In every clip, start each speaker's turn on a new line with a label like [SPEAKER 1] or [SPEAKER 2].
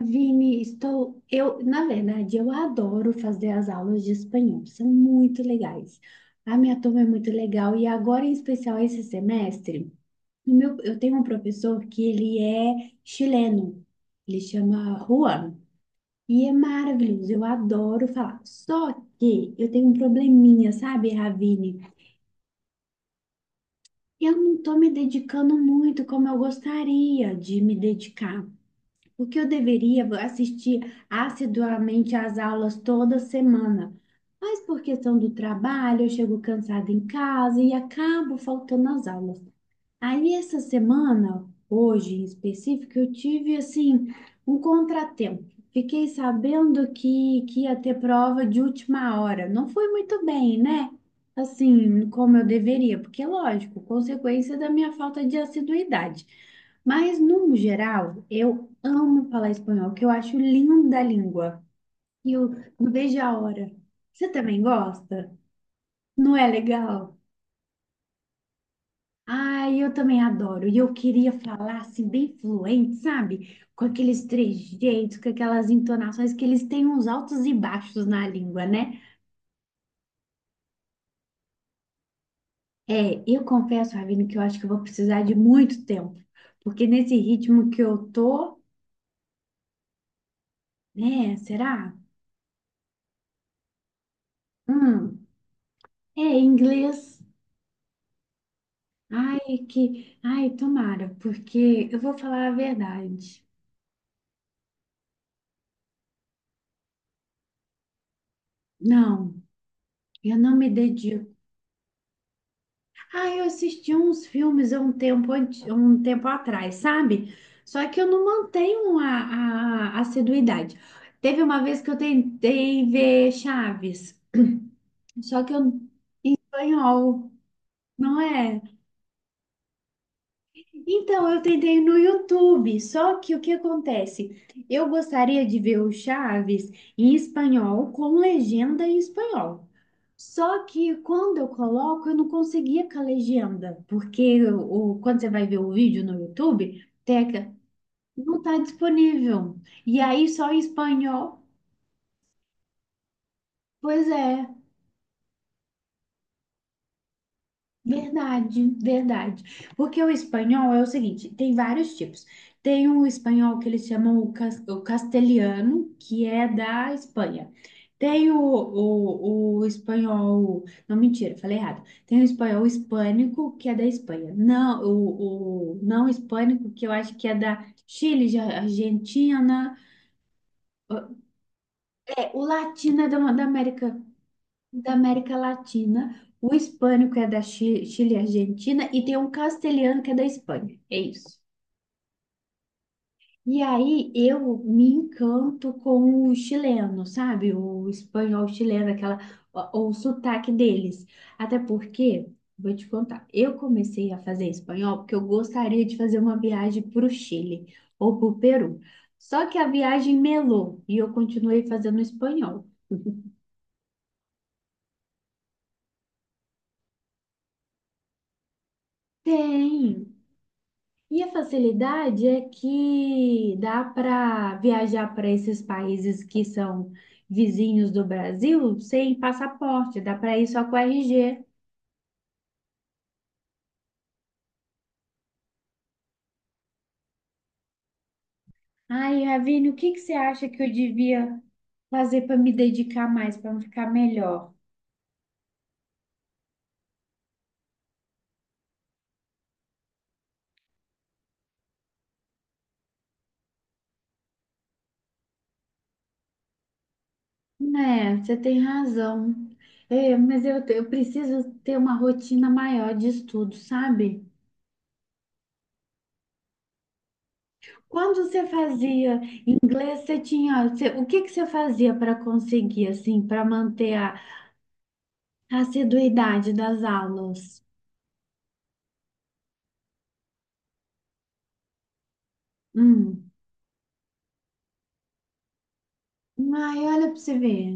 [SPEAKER 1] Vini, estou. Eu, na verdade, eu adoro fazer as aulas de espanhol, são muito legais. A minha turma é muito legal e agora, em especial, esse semestre, eu tenho um professor que ele é chileno, ele chama Juan. E é maravilhoso, eu adoro falar. Só que eu tenho um probleminha, sabe, Ravine? Eu não estou me dedicando muito como eu gostaria de me dedicar porque eu deveria assistir assiduamente às aulas toda semana. Mas por questão do trabalho, eu chego cansada em casa e acabo faltando às aulas. Aí essa semana, hoje em específico, eu tive assim um contratempo. Fiquei sabendo que ia ter prova de última hora. Não foi muito bem, né? Assim, como eu deveria, porque lógico, consequência da minha falta de assiduidade. Mas, no geral, eu amo falar espanhol, que eu acho linda a língua. E eu não vejo a hora. Você também gosta? Não é legal? Ai, eu também adoro. E eu queria falar assim, bem fluente, sabe? Com aqueles trejeitos, com aquelas entonações que eles têm uns altos e baixos na língua, né? É, eu confesso, Ravine, que eu acho que eu vou precisar de muito tempo, porque nesse ritmo que eu tô, né? Será? Hum, é inglês. Ai, que. Ai, tomara, porque eu vou falar a verdade. Não, eu não me dedico. Ah, eu assisti uns filmes há um tempo, um tempo atrás, sabe? Só que eu não mantenho a assiduidade. Teve uma vez que eu tentei ver Chaves, só que eu não espanhol, não é? Então, eu tentei no YouTube, só que o que acontece? Eu gostaria de ver o Chaves em espanhol, com legenda em espanhol. Só que quando eu coloco, eu não conseguia com a legenda, porque quando você vai ver o vídeo no YouTube, teca, não está disponível. E aí só em espanhol. Pois é. Verdade, verdade. Porque o espanhol é o seguinte, tem vários tipos. Tem o espanhol que eles chamam o castelhano, que é da Espanha. Tem o espanhol, não, mentira, falei errado. Tem o espanhol hispânico, que é da Espanha. Não, o não hispânico, que eu acho que é da Chile, de Argentina. É, o latino é da América Latina, o hispânico é da Chile e Argentina, e tem um castelhano que é da Espanha. É isso. E aí eu me encanto com o chileno, sabe? O espanhol chileno, aquela, o sotaque deles. Até porque, vou te contar, eu comecei a fazer espanhol porque eu gostaria de fazer uma viagem para o Chile ou para o Peru. Só que a viagem melou e eu continuei fazendo espanhol. Tem. E a facilidade é que dá para viajar para esses países que são vizinhos do Brasil sem passaporte, dá para ir só com RG. Ai, Ravine, o que que você acha que eu devia fazer para me dedicar mais, para ficar melhor? É, você tem razão. É, mas eu preciso ter uma rotina maior de estudo, sabe? Quando você fazia inglês, o que que você fazia para conseguir, assim, para manter a assiduidade das aulas. Hum. Ai, olha para você ver.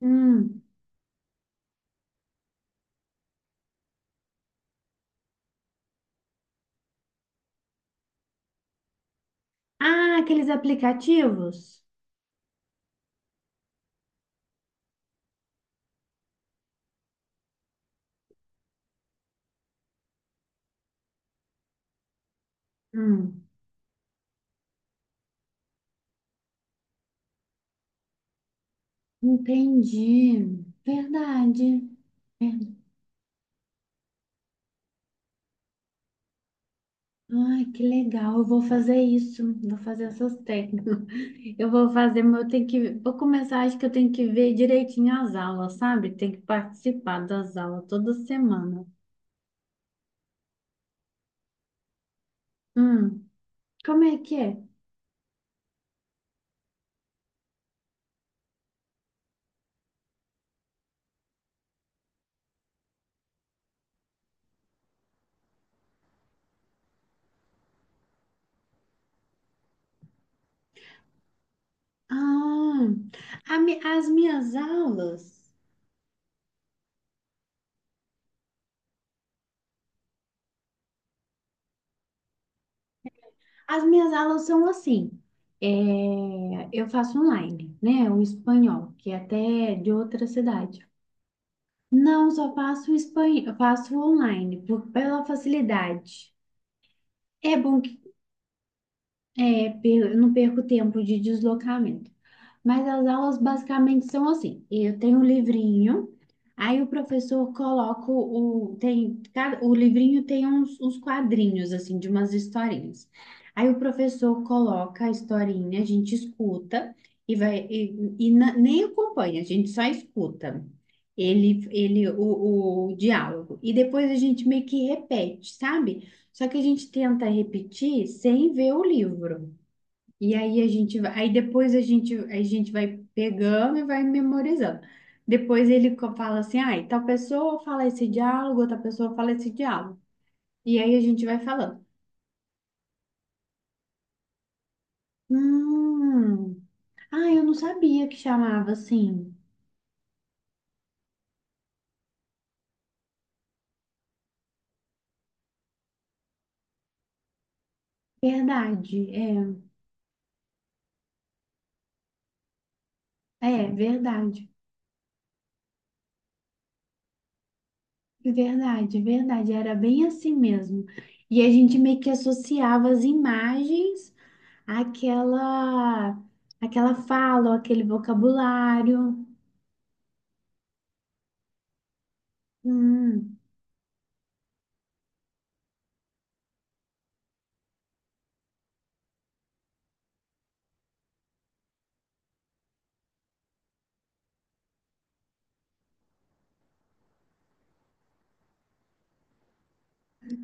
[SPEAKER 1] Hum. Ah, aqueles aplicativos? Hum. Entendi. Verdade. Verdade. Ai, que legal. Eu vou fazer isso. Vou fazer essas técnicas. Eu vou fazer, mas eu tenho que. Vou começar, acho que eu tenho que ver direitinho as aulas, sabe? Tem que participar das aulas toda semana. Hum. Como é que é? Ah, as minhas aulas. As minhas aulas são assim. É, eu faço online, né? O espanhol, que é até é de outra cidade. Não, só faço espanhol, faço online, pela facilidade. É bom que é, eu não perco tempo de deslocamento. Mas as aulas basicamente são assim. Eu tenho um livrinho, aí o professor coloca o livrinho tem uns quadrinhos assim de umas historinhas. Aí o professor coloca a historinha, a gente escuta e vai e na- nem acompanha, a gente só escuta. O diálogo. E depois a gente meio que repete, sabe? Só que a gente tenta repetir sem ver o livro. E aí a gente vai, aí depois a gente vai pegando e vai memorizando. Depois ele fala assim, ai, tal pessoa fala esse diálogo, outra pessoa fala esse diálogo. E aí a gente vai falando. Hum, ah, eu não sabia que chamava assim. Verdade, é, é, verdade, verdade, verdade, era bem assim mesmo. E a gente meio que associava as imagens àquela, àquela fala, ou aquele vocabulário. Hum.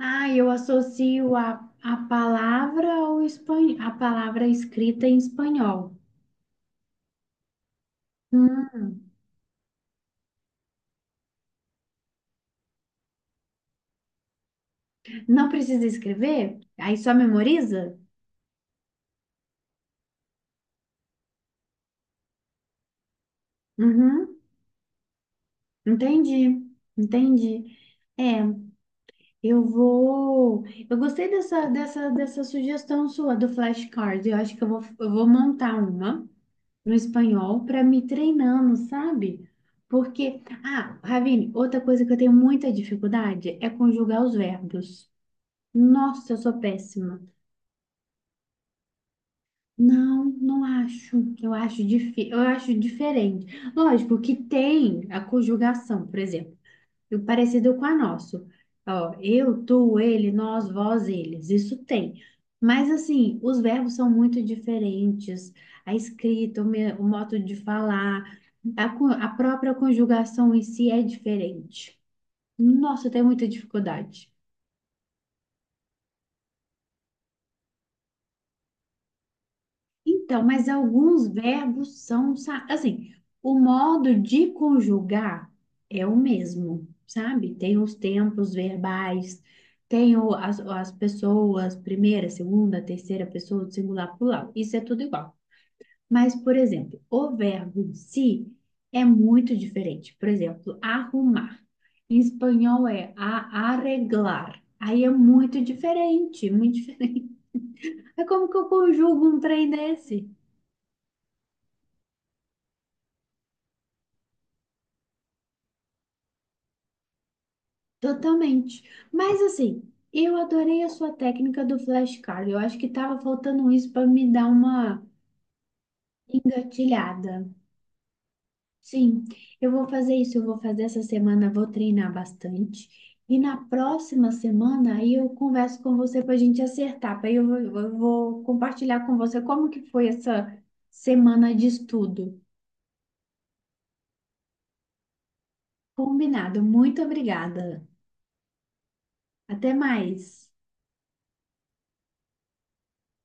[SPEAKER 1] Ah, eu associo a palavra ao espan... a palavra escrita em espanhol. Hum, não precisa escrever? Aí só memoriza? Uhum, entendi, entendi. É, eu vou. Eu gostei dessa sugestão sua do flashcard. Eu acho que eu vou montar uma no espanhol para me treinando, sabe? Porque, ah, Ravine, outra coisa que eu tenho muita dificuldade é conjugar os verbos. Nossa, eu sou péssima. Não, não acho. Eu acho difi... eu acho diferente. Lógico que tem a conjugação, por exemplo, e o parecido com a nossa. Ó, eu, tu, ele, nós, vós, eles. Isso tem. Mas assim, os verbos são muito diferentes. A escrita, o modo de falar, a própria conjugação em si é diferente. Nossa, eu tenho muita dificuldade. Então, mas alguns verbos são, assim, o modo de conjugar é o mesmo, sabe? Tem os tempos verbais, as pessoas, primeira, segunda, terceira pessoa, do singular, plural, isso é tudo igual. Mas, por exemplo, o verbo em si é muito diferente. Por exemplo, arrumar. Em espanhol é arreglar. Aí é muito diferente, muito diferente. É como que eu conjugo um trem desse? Totalmente. Mas assim, eu adorei a sua técnica do flashcard. Eu acho que tava faltando isso para me dar uma gatilhada. Sim, eu vou fazer isso, eu vou fazer essa semana, vou treinar bastante. E na próxima semana aí eu converso com você para a gente acertar. Aí eu vou compartilhar com você como que foi essa semana de estudo. Combinado. Muito obrigada. Até mais.